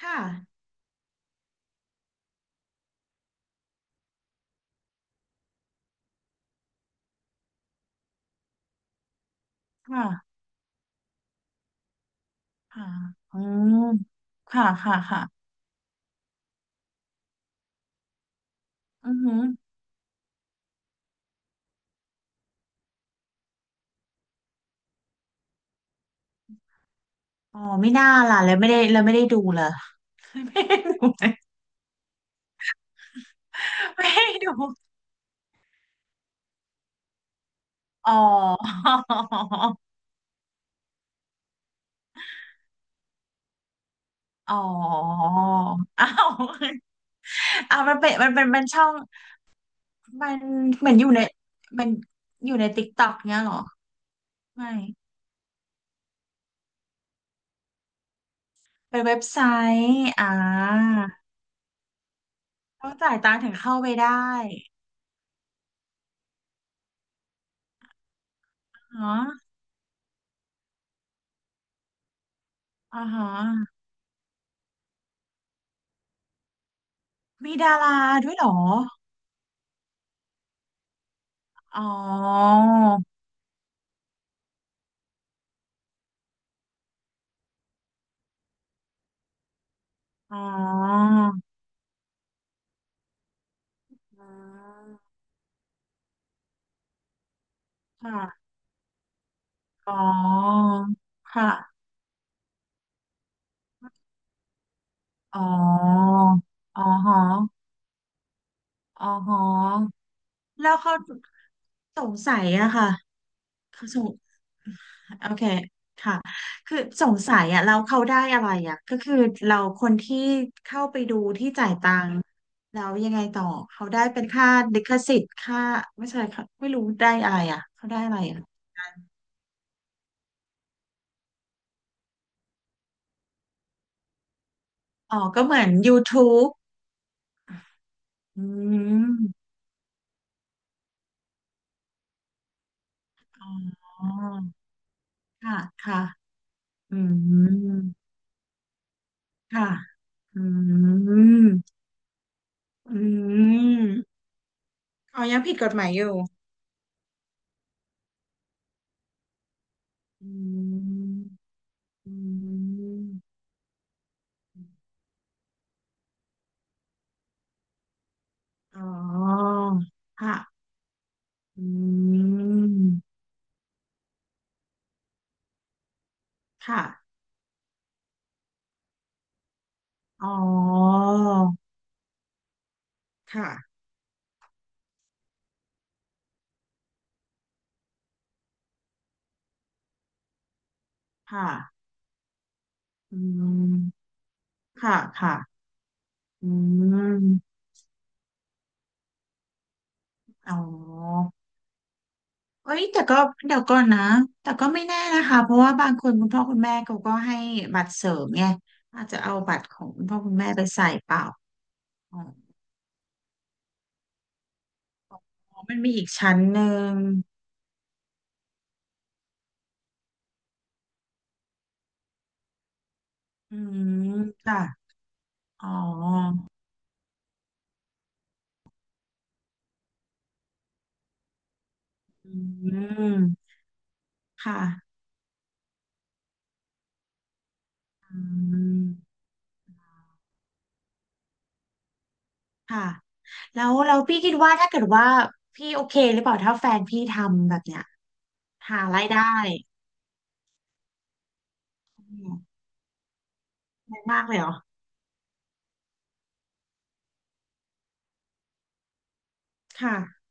ค่ะค่ะค่ะอืมค่ะค่ะค่ะอือหืออ๋อไม่น่าล่ะแล้วไม่ได้แล้วไม่ได้ดูเลย ไม่ได้ดูเลยไม่ได้ดูอ๋ออ๋ออ้าวอ้าวมันเป็นมันช่องมันเหมือนอยู่ในมันอยู่ในติ๊กต็อกเนี้ยเหรอไม่เป็นเว็บไซต์อ่าต้องจ่ายตังค์ถึงเข้าไปได้อ๋ออ่าฮะมีดาราด้วยเหรออ๋อ อ๋ออมค่ะอ๋อค่ะอ๋ออ๋อฮะอ๋อฮะแล้วเขาสงสัยอะค่ะเขาสงโอเคค่ะคือสงสัยอะแล้วเขาได้อะไรอะก็คือเราคนที่เข้าไปดูที่จ่ายตังค์แล้วยังไงต่อเขาได้เป็นค่าลิขสิทธิ์ค่าไม่ใช่ค่ะไม่รู้ได้อะไรอะเขาได้อะไรอะอ๋อก็เหมือน YouTube อืมอ๋อ ค่ะค่ะอืมค่ะอืมอืมอ๋อยังผิดกฎหมายอยู่อืมอืมอ๋อค่ะอืมค่ะอ๋อค่ะค่ะอืมค่ะค่ะอืมอ๋อ เอ้ยแต่ก็เดี๋ยวก่อนนะแต่ก็ไม่แน่นะคะเพราะว่าบางคนคุณพ่อคุณแม่เขาก็ให้บัตรเสริมไงอาจจะเอาบัตรของคุณพ่อคุณแม่ไปใส่เปล่าอ๋ออ๋อมันมีอีกชั้นหนึ่งอืมค่ะอ๋ออืมค่ะอืมค่ะแล้วพี่คิดว่าถ้าเกิดว่าพี่โอเคหรือเปล่าถ้าแฟนพี่ทำแบบเนี้ยหารายได้อืมได้มากเลยเหรอค่ะ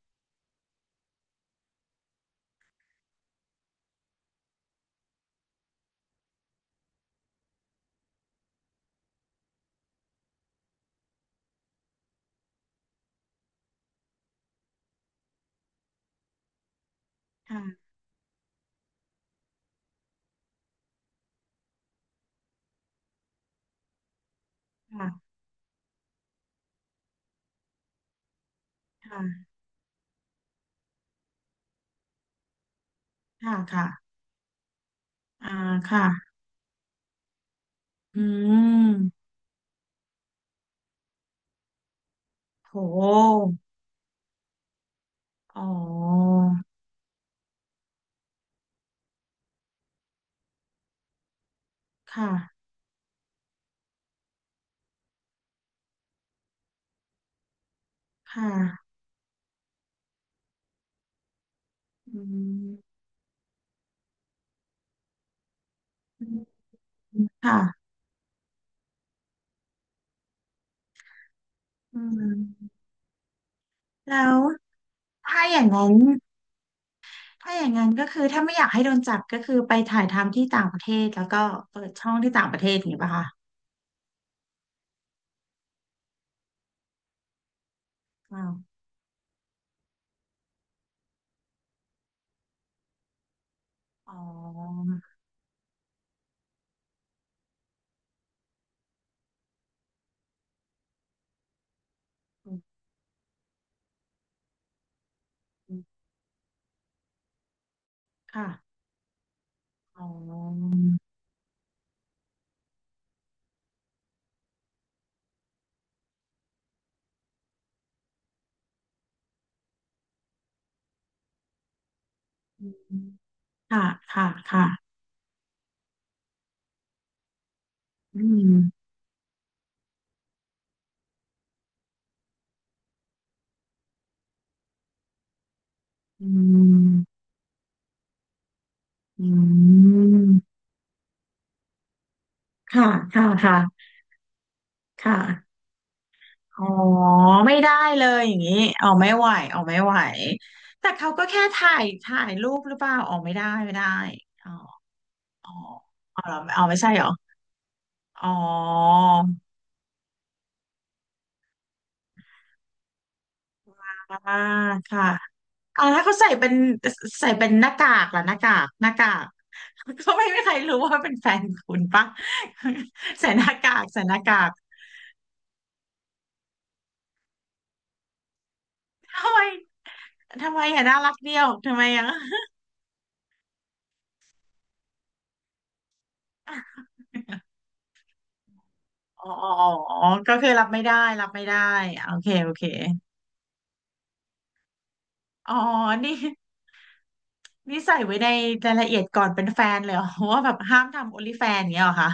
ค่ะค่ะค่ะค่ะค่ะอ่าค่ะ อืมโหอ๋อค่ะค่ะอืมอืมค่ะอืมแล้วถ้าอย่างนั้นถ้าอย่างนั้นก็คือถ้าไม่อยากให้โดนจับก็คือไปถ่ายทำที่ต่างประเทศแล้วก็เปิดช่องที่ต่างประเทศอย่างนี้ป่ะคะอ้าวอ๋ออืมค่ะอ๋ออืมค่ะค่ะค่ะอืมอืมอืมค่ะค่ะค่ะค่ะ อ๋อไม่ได้เลยอย่างนี้อ๋อไม่ไหวอ๋อไม่ไหวแต่เขาก็แค่ถ่ายถ่ายรูปหรือเปล่าอ๋อไม่ได้ไม่ได้อ๋ออ๋ออ๋อเหรออ๋อไม่ใช่เหรออ๋ออ่าค่ะอ๋อแล้วเขาใส่เป็นใส่เป็นหน้ากากล่ะหน้ากากหน้ากากเขาไม่ใครรู้ว่าเป็นแฟนคุณปะใส่หน้ากากใส่หน้ากากทำไมทำไมอ่ะน่ารักเดียวทำไมอ่ะอ๋ออ๋ออ๋อก็คือรับไม่ได้รับไม่ได้โอเคโอเค อ๋อนี่นี่ใส่ไว้ในรายละเอียดก่อนเป็นแฟนเลยเหรอว่าแบบห้ามทำโอลิแฟนเงี้ยเหรอคะ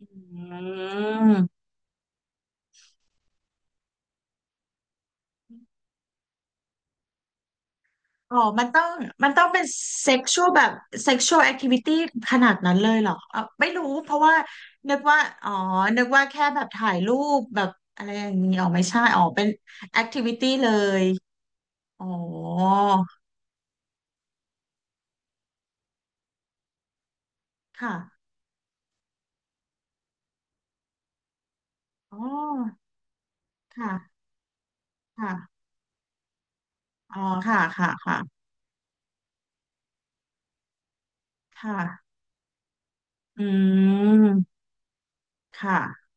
อืมอ๋อมันต้องเป็นเซ็กชวลแบบเซ็กชวลแอคทิวิตี้ขนาดนั้นเลยเหรอเออไม่รู้เพราะว่านึกว่าอ๋อนึกว่าแค่แบบถ่ายรูปแบบอะไรอย่างนี้อ๋อไม่ใช่อ๋อเป็นแอคทิวิตี้เลยอ๋อค่ะอ๋อค่ะค่ะอ๋อค่ะค่ะค่ะค่ะอืมค่ะ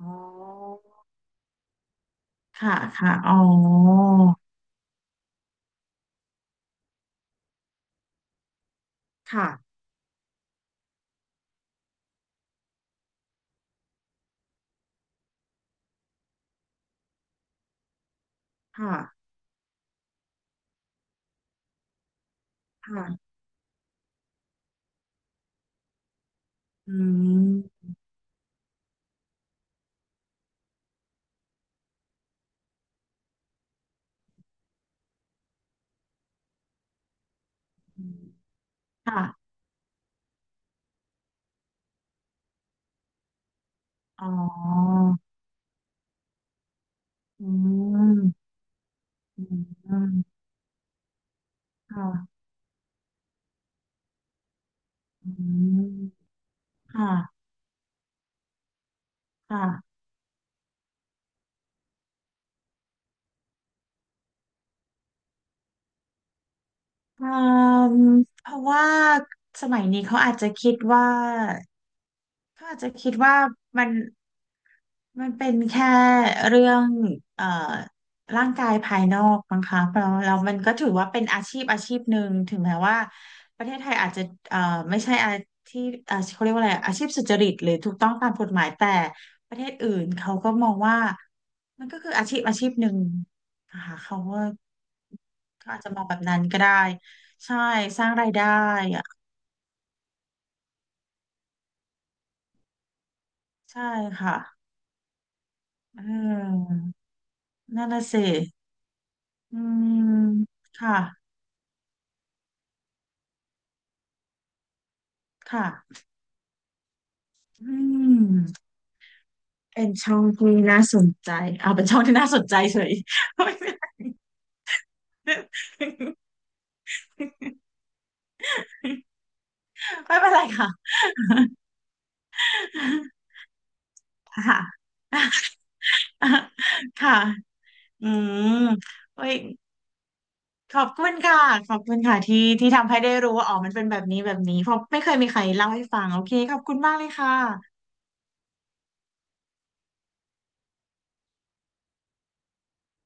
อ๋อค่ะค่ะอ๋อค่ะค่ะค่ะอืมค่ะอ๋ออืมอืมค่ะอืมค่ะค่ะเอืมเพราะว่าสมัยนี้เขาอาจจะคิดว่าเขาอาจจะคิดว่ามัน มันเป็นแค่เรื่องเอ่อร่างกายภายนอกมั้งคะแล้วมันก็ถือว่าเป็นอาชีพอาชีพหนึ่งถึงแม้ว่าประเทศไทยอาจจะเอ่อไม่ใช่อาชีพเขาเรียกว่าอะไรอาชีพสุจริตหรือถูกต้องตามกฎหมายแต่ประเทศอื่นเขาก็มองว่ามันก็คืออาชีพอาชีพหนึ่งนะคะเขาว่าเขาอาจจะมองแบบนั้นก็ได้ใช่สร้างรายได้อะใช่ค่ะเออนั่นน่ะสิอืมค่ะค่ะ อืมเป็นช่องที่น่าสนใจเอาเป็นช่องที่น่าสนใจเฉย ไม่เป็นไรไม่เป็นไรค่ะค่ะค่ะอืมโอ้ยขอบคุณค่ะขอบคุณค่ะที่ทำให้ได้รู้ว่าอ๋อมันเป็นแบบนี้แบบนี้เพราะไม่เคยมีใครเล่าให้ฟังโอเคขอบคุณมากเลยค่ะ